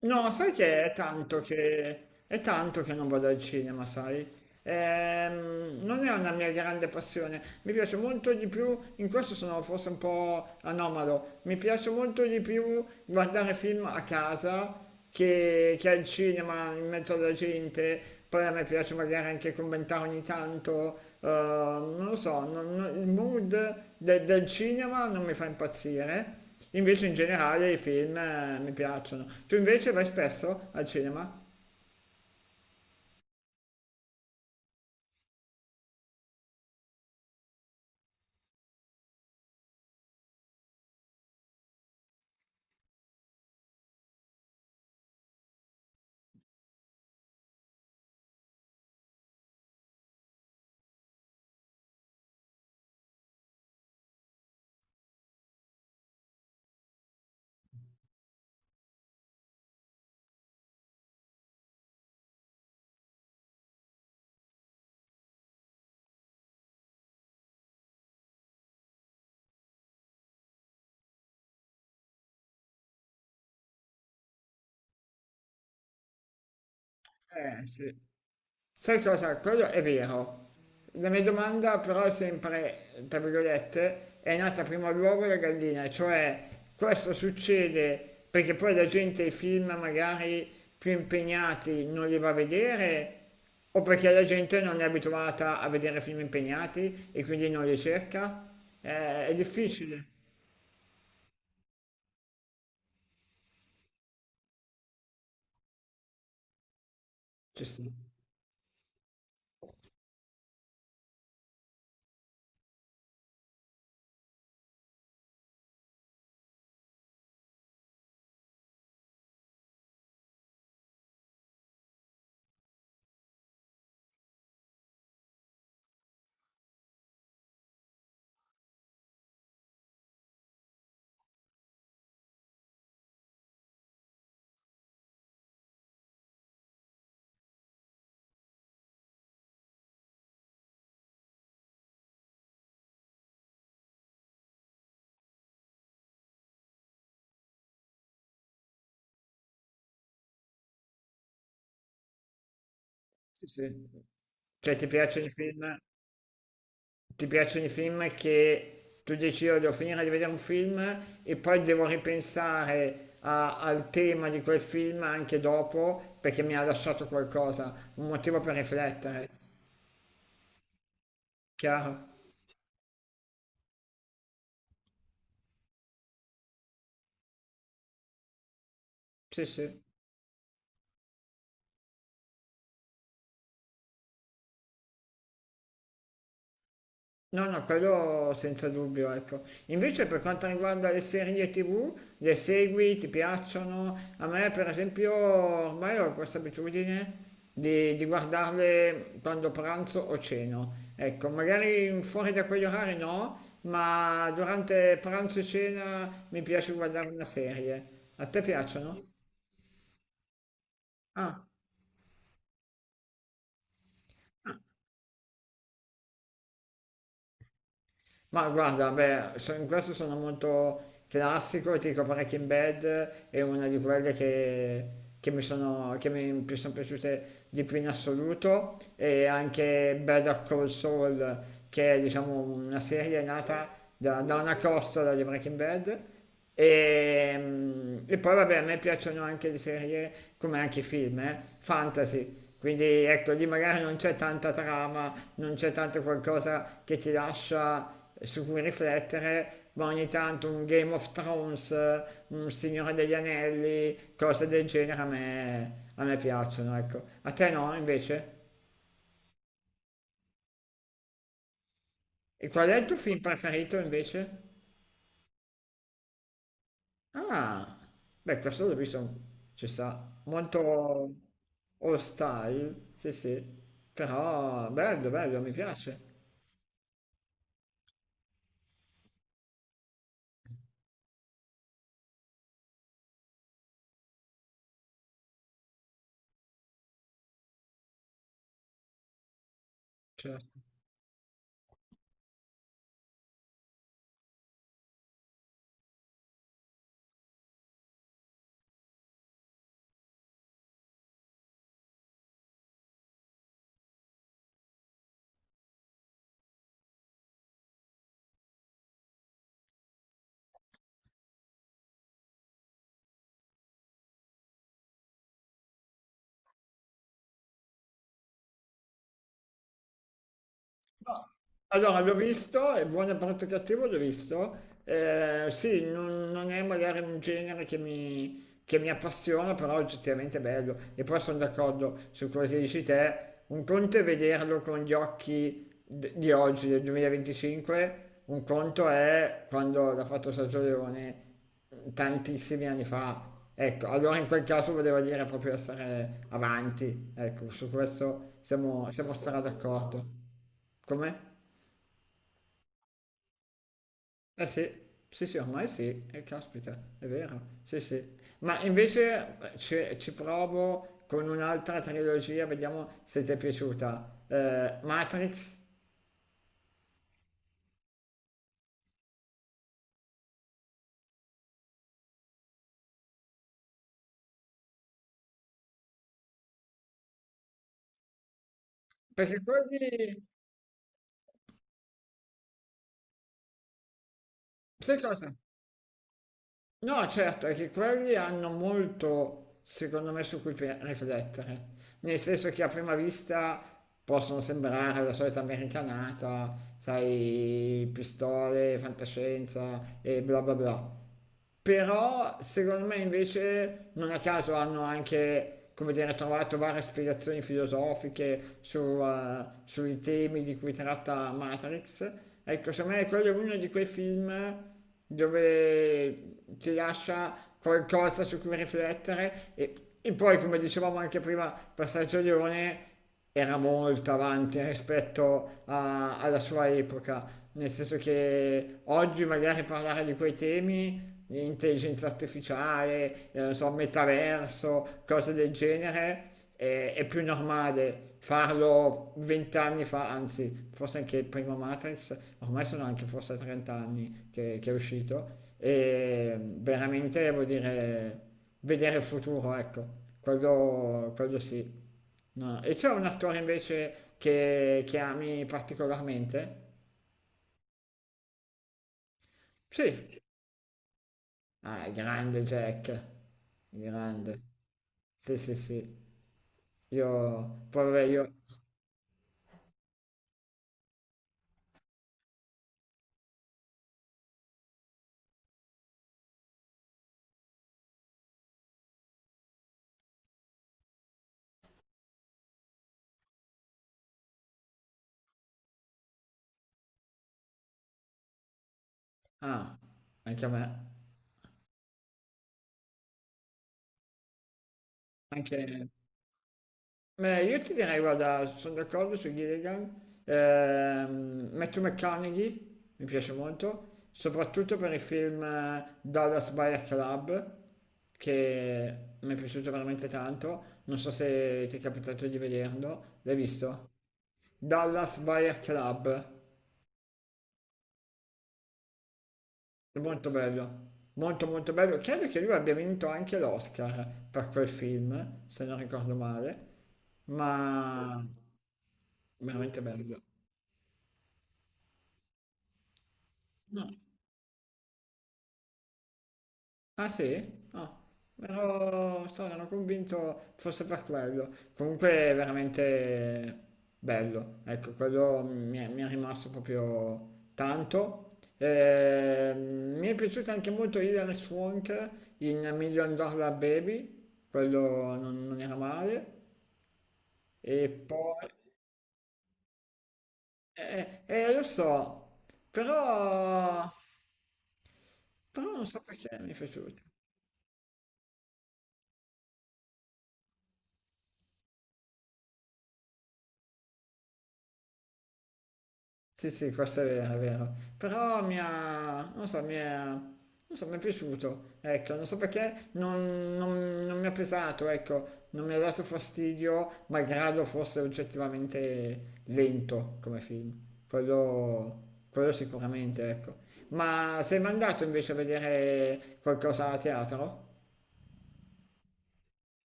No, sai che è tanto che, è tanto che non vado al cinema, sai? Non è una mia grande passione, mi piace molto di più, in questo sono forse un po' anomalo, mi piace molto di più guardare film a casa che è il cinema in mezzo alla gente, poi a me piace magari anche commentare ogni tanto, non lo so, il del cinema non mi fa impazzire, invece in generale i film mi piacciono. Tu invece vai spesso al cinema? Eh sì. Sai cosa? Quello è vero. La mia domanda però è sempre, tra virgolette, è nata prima l'uovo e la gallina, cioè questo succede perché poi la gente i film magari più impegnati non li va a vedere o perché la gente non è abituata a vedere film impegnati e quindi non li cerca? È difficile. Ci sta. Sì, sì. Cioè ti piacciono i film? Ti piacciono i film che tu dici io devo finire di vedere un film e poi devo ripensare al tema di quel film anche dopo perché mi ha lasciato qualcosa, un motivo per riflettere, chiaro? Sì, sì. No, no, quello senza dubbio, ecco. Invece per quanto riguarda le serie TV, le segui, ti piacciono? A me, per esempio, ormai ho questa abitudine di guardarle quando pranzo o ceno. Ecco, magari fuori da quegli orari no, ma durante pranzo e cena mi piace guardare una serie. A te piacciono? Ah. Ma guarda, beh, in questo sono molto classico, ti dico parecchi in bed, è una di quelle che sono piaciute di più in assoluto, e anche Better Call Saul, che è diciamo una serie nata da una costola di Breaking Bad, e poi vabbè, a me piacciono anche le serie, come anche i film, fantasy. Quindi ecco, lì magari non c'è tanta trama, non c'è tanto qualcosa che ti lascia su cui riflettere, ma ogni tanto un Game of Thrones, un Signore degli Anelli, cose del genere a me piacciono, ecco. A te no, invece? E qual è il tuo film preferito, invece? Ah, beh, questo l'ho visto, ci sta, molto old style, sì sì, però bello, bello, mi piace. Cioè, allora, l'ho visto, è buono brutto cattivo, l'ho visto. Sì, non è magari un genere che mi appassiona, però oggettivamente è bello. E poi sono d'accordo su quello che dici te. Un conto è vederlo con gli occhi di oggi, del 2025, un conto è quando l'ha fatto Sergio Leone tantissimi anni fa. Ecco, allora in quel caso volevo dire proprio essere avanti. Ecco, su questo siamo stra d'accordo. Come? Eh sì, sì, sì, ormai sì, caspita, è vero, sì, sì. Ma invece ci provo con un'altra trilogia, vediamo se ti è piaciuta. Matrix, perché quelli... Sai cosa? No, certo, è che quelli hanno molto, secondo me, su cui riflettere. Nel senso che a prima vista possono sembrare la solita americanata, sai, pistole, fantascienza e bla bla bla. Però secondo me invece non a caso hanno anche, come dire, trovato varie spiegazioni filosofiche su, sui temi di cui tratta Matrix. Ecco, secondo me quello è uno di quei film dove ti lascia qualcosa su cui riflettere e poi, come dicevamo anche prima per Sergio Leone, era molto avanti rispetto alla sua epoca, nel senso che oggi magari parlare di quei temi intelligenza artificiale, non so, metaverso, cose del genere, è più normale farlo vent'anni fa, anzi, forse anche il primo Matrix, ormai sono anche forse 30 anni che è uscito, e veramente vuol dire vedere il futuro, ecco, quello sì. No. E c'è un attore invece che ami particolarmente? Sì, ah, il grande Jack, il grande, sì, sì, sì. Io, poi vabbè, io, ah, anche a me, anche, beh, io ti direi, guarda, sono d'accordo su Gilligan, Matthew McConaughey, mi piace molto, soprattutto per il film Dallas Buyer Club, che mi è piaciuto veramente tanto, non so se ti è capitato di vederlo, l'hai visto? Dallas Buyer Club. È molto bello, molto molto bello. Credo che lui abbia vinto anche l'Oscar per quel film, se non ricordo male, ma veramente bello. No. Ah sì? Ah, ero convinto fosse per quello. Comunque è veramente bello, ecco, quello mi è rimasto proprio tanto. Mi è piaciuto anche molto Hilary Swank in Million Dollar Baby, quello non era male. E poi... lo so, però... Però non so perché mi è piaciuto. Sì, sì, questo è vero, è vero. Però mi ha... non so, mi è... non so, mi è piaciuto. Ecco, non so perché non mi ha pesato, ecco. Non mi ha dato fastidio, malgrado fosse oggettivamente lento come film. Quello sicuramente, ecco. Ma sei mai andato invece a vedere qualcosa a teatro?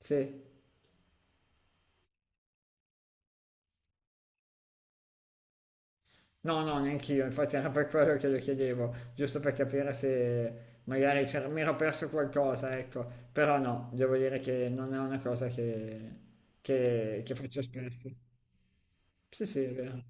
Sì. No, no, neanch'io, infatti era per quello che lo chiedevo, giusto per capire se magari mi ero perso qualcosa, ecco, però no, devo dire che non è una cosa che faccio spesso. Sì, sì, è vero.